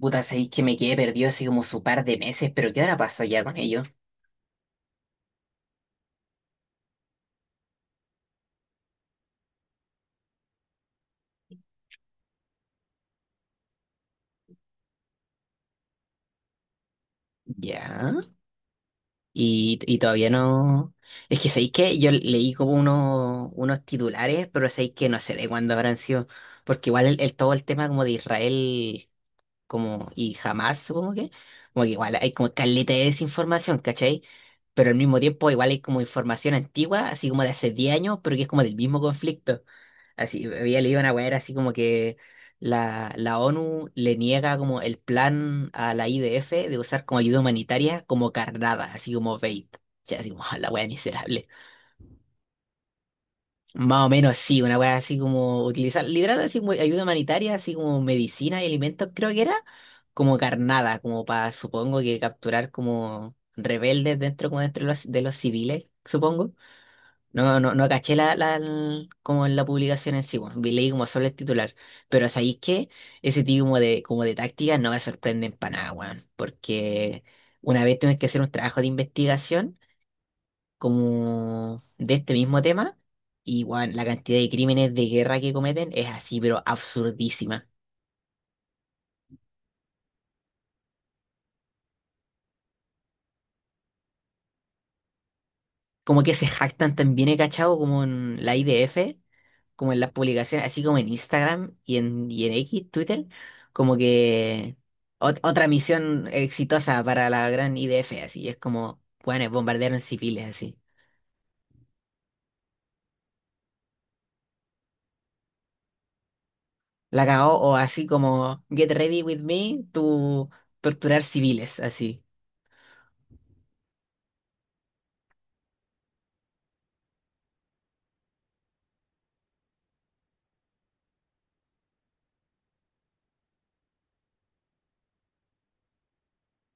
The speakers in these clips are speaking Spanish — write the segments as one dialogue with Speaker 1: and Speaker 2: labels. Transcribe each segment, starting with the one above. Speaker 1: Puta, sabéis que me quedé perdido así como su par de meses, pero ¿qué ahora pasó ya con ellos? Ya. Y todavía no. Es que sabéis que yo leí como unos titulares, pero sabéis que no sé de cuándo habrán sido. Porque igual todo el tema como de Israel como y Hamás, supongo que. Como que igual hay como caleta de desinformación, ¿cachai? Pero al mismo tiempo igual hay como información antigua, así como de hace 10 años, pero que es como del mismo conflicto. Así, había leído una weá, era así como que la ONU le niega como el plan a la IDF de usar como ayuda humanitaria como carnada, así como bait. O sea, así como la weá miserable. Más o menos sí, una weá así como utilizar, literal así como ayuda humanitaria, así como medicina y alimentos, creo que era, como carnada, como para, supongo que capturar como rebeldes dentro, como dentro de de los civiles, supongo. No caché como en la publicación en sí, bueno, leí como solo el titular. Pero ¿sabéis qué? Ese tipo como de tácticas no me sorprenden para nada, weón. Porque una vez tuvimos que hacer un trabajo de investigación como de este mismo tema, y weón, la cantidad de crímenes de guerra que cometen es así, pero absurdísima. Como que se jactan también, he cachado, como en la IDF. Como en las publicaciones, así como en Instagram y en X, Twitter, como que otra misión exitosa para la gran IDF, así es como, bueno, bombardearon civiles, así. La cagó, o así como, get ready with me to torturar civiles, así.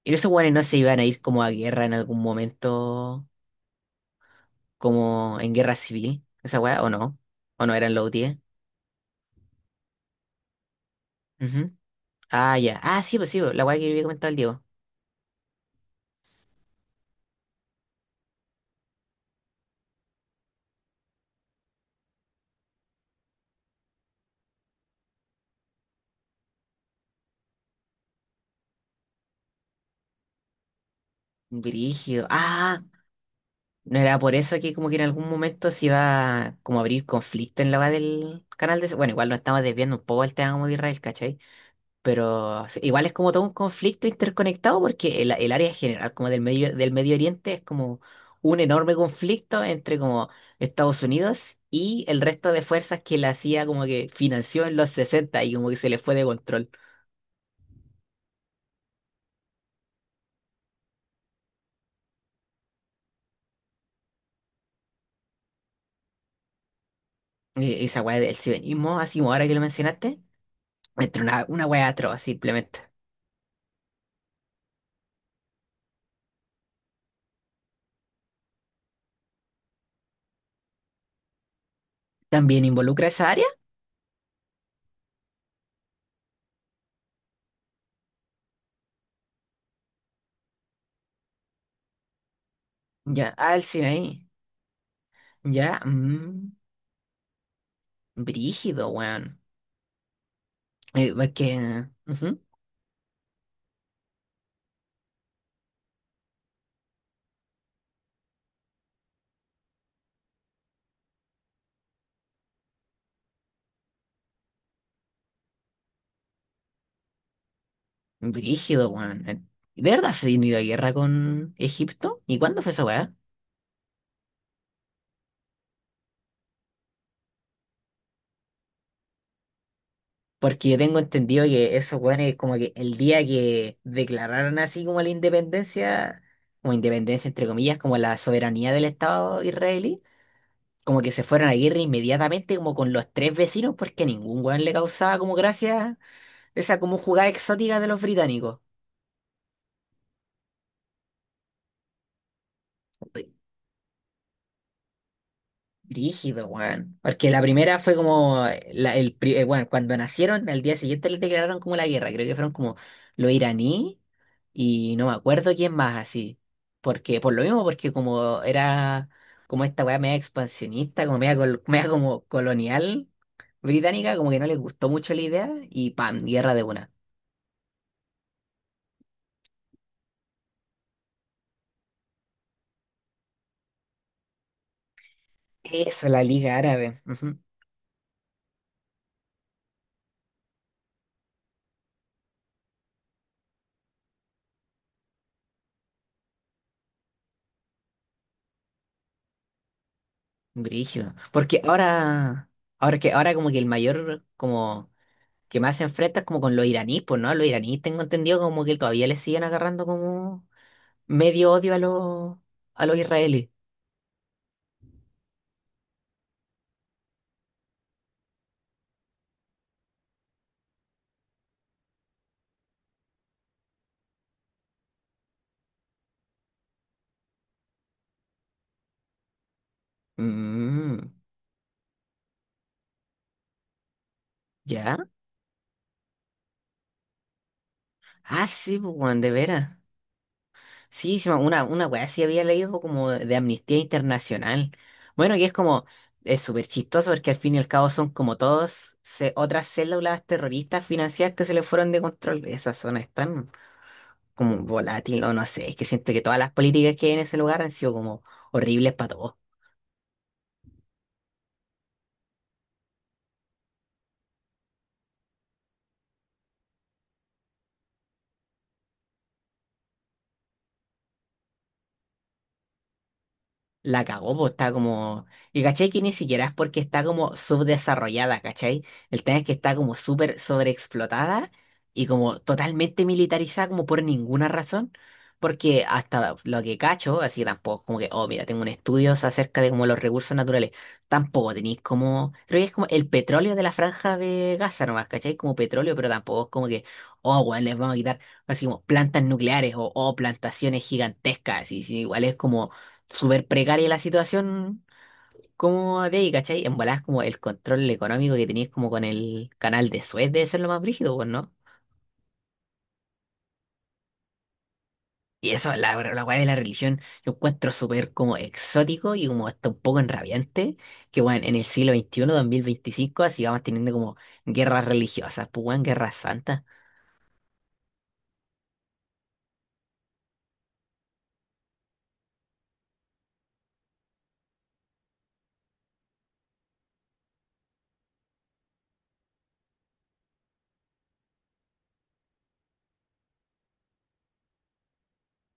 Speaker 1: Y esos weones no se iban a ir como a guerra en algún momento, como en guerra civil, esa weá, o no eran los UTIE. Ujú. Ah, ya. Ah, sí, pues, la weá que había comentado el Diego. Brígido. Ah, no era por eso que como que en algún momento se iba como a abrir conflicto en la hora del canal de... Bueno, igual nos estamos desviando un poco del tema como de Israel, ¿cachai? Pero sí, igual es como todo un conflicto interconectado porque el área general como del Medio Oriente es como un enorme conflicto entre como Estados Unidos y el resto de fuerzas que la CIA como que financió en los 60 y como que se les fue de control. Y esa weá del cibenismo, así como ahora que lo mencionaste, entre una weá atroz simplemente. ¿También involucra esa área? Ya, ah, el cine ahí. Ya, mm, brígido, weón. Porque, ujú, brígido, weón. ¿De verdad se vino a guerra con Egipto? ¿Y cuándo fue esa weá? Porque yo tengo entendido que esos weones, como que el día que declararon así como la independencia, como independencia entre comillas, como la soberanía del Estado israelí, como que se fueron a guerra inmediatamente, como con los tres vecinos, porque a ningún weón le causaba como gracia esa como jugada exótica de los británicos. Rígido, weón. Porque la primera fue como, bueno, cuando nacieron, al día siguiente les declararon como la guerra. Creo que fueron como los iraní y no me acuerdo quién más así. Porque, por lo mismo, porque como era como esta weá media expansionista, como media, media como colonial británica, como que no les gustó mucho la idea y pam, guerra de una. Eso, la Liga Árabe. Ujú. Brígido. Porque ahora, ahora que ahora como que el mayor como que más se enfrenta es como con los iraníes, pues, ¿no? Los iraníes tengo entendido como que todavía les siguen agarrando como medio odio a los israelíes. Mm, ¿ya? Ah, sí, pues, weón, de veras. Sí, sí, una weá sí había leído como de Amnistía Internacional. Bueno, y es como, es súper chistoso porque al fin y al cabo son como todos otras células terroristas financieras que se le fueron de control. Esas zonas están como volátil, no, no sé, es que siento que todas las políticas que hay en ese lugar han sido como horribles para todos. La cagó, pues está como. Y cachai que ni siquiera es porque está como subdesarrollada, cachai. El tema es que está como súper sobreexplotada y como totalmente militarizada, como por ninguna razón. Porque hasta lo que cacho, así que tampoco, como que, oh, mira, tengo un estudio acerca de como los recursos naturales. Tampoco tenéis como. Creo que es como el petróleo de la franja de Gaza nomás, cachai. Como petróleo, pero tampoco es como que, oh, bueno, les vamos a quitar, así como plantas nucleares o, oh, plantaciones gigantescas. Y, sí, igual es como súper precaria la situación como de ahí, ¿cachai? En volada como el control económico que tenías como con el canal de Suez debe ser lo más brígido, pues, ¿no? Y eso, la weá de la religión, yo encuentro súper como exótico y como hasta un poco enrabiante, que bueno, en el siglo XXI, 2025, así vamos teniendo como guerras religiosas, pues weón, guerras santas.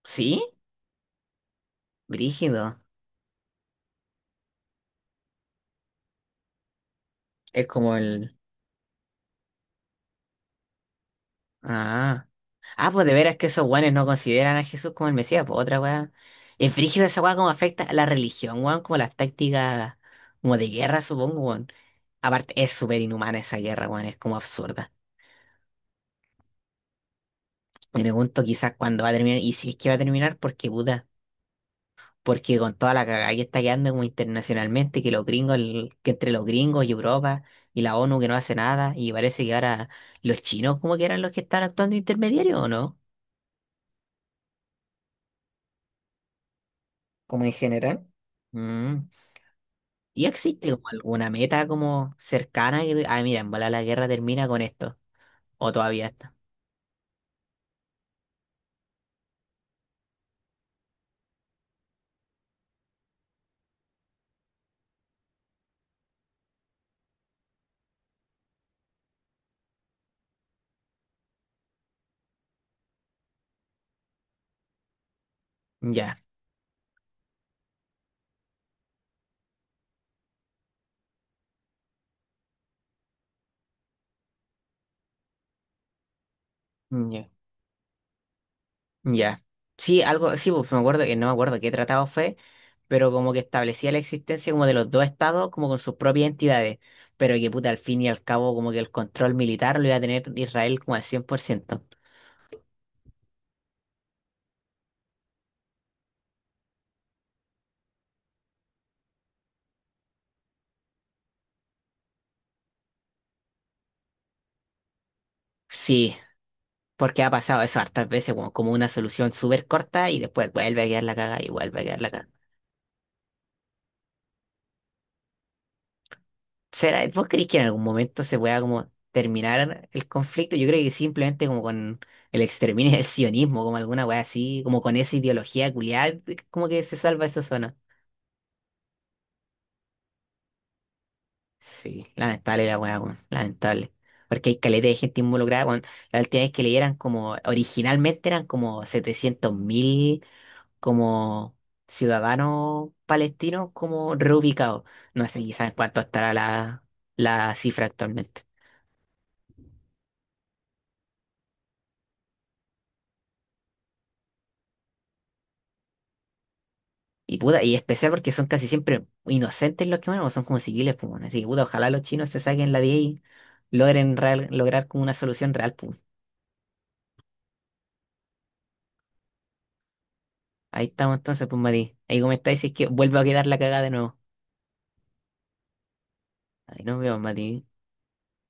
Speaker 1: ¿Sí? Brígido. Es como el... Ah. Ah, pues de veras que esos guanes no consideran a Jesús como el Mesías, pues otra weá. El frígido esa weá como afecta a la religión, weón, como las tácticas como de guerra, supongo, weón. Aparte, es súper inhumana esa guerra, weón, es como absurda. Me pregunto quizás cuándo va a terminar, y si es que va a terminar, porque puta, porque con toda la cagada que está quedando como internacionalmente, que los gringos, que entre los gringos y Europa y la ONU que no hace nada, y parece que ahora los chinos como que eran los que están actuando intermediarios, ¿o no? Como en general. Mm. ¿Y existe como alguna meta como cercana que tú- ah, mira, en bola la guerra termina con esto? ¿O todavía está? Ya, ya, ya. Sí, algo, sí, pues me acuerdo que no me acuerdo qué tratado fue, pero como que establecía la existencia como de los dos estados, como con sus propias entidades, pero que puta, al fin y al cabo, como que el control militar lo iba a tener Israel como al cien por ciento. Sí, porque ha pasado eso hartas veces, como, como una solución súper corta y después vuelve a quedar la caga y vuelve a quedar la caga. ¿Será, vos creís que en algún momento se pueda como terminar el conflicto? Yo creo que simplemente como con el exterminio del sionismo, como alguna weá así, como con esa ideología culiada, como que se salva esa zona. Sí, lamentable la weá, weón, lamentable. Porque hay caleta de gente involucrada, weón. La última vez que leyeran como, originalmente eran como 700 mil como ciudadanos palestinos como reubicados. No sé quizás cuánto estará la cifra actualmente. Y puta, y especial porque son casi siempre inocentes los que mueren, o son como civiles, pues, bueno. Así que puta, ojalá los chinos se saquen la 10 y logren lograr como una solución real, pues. Ahí estamos entonces, pues Mati. Ahí comentáis si es que vuelvo a quedar la cagada de nuevo. Ahí nos vemos, Mati.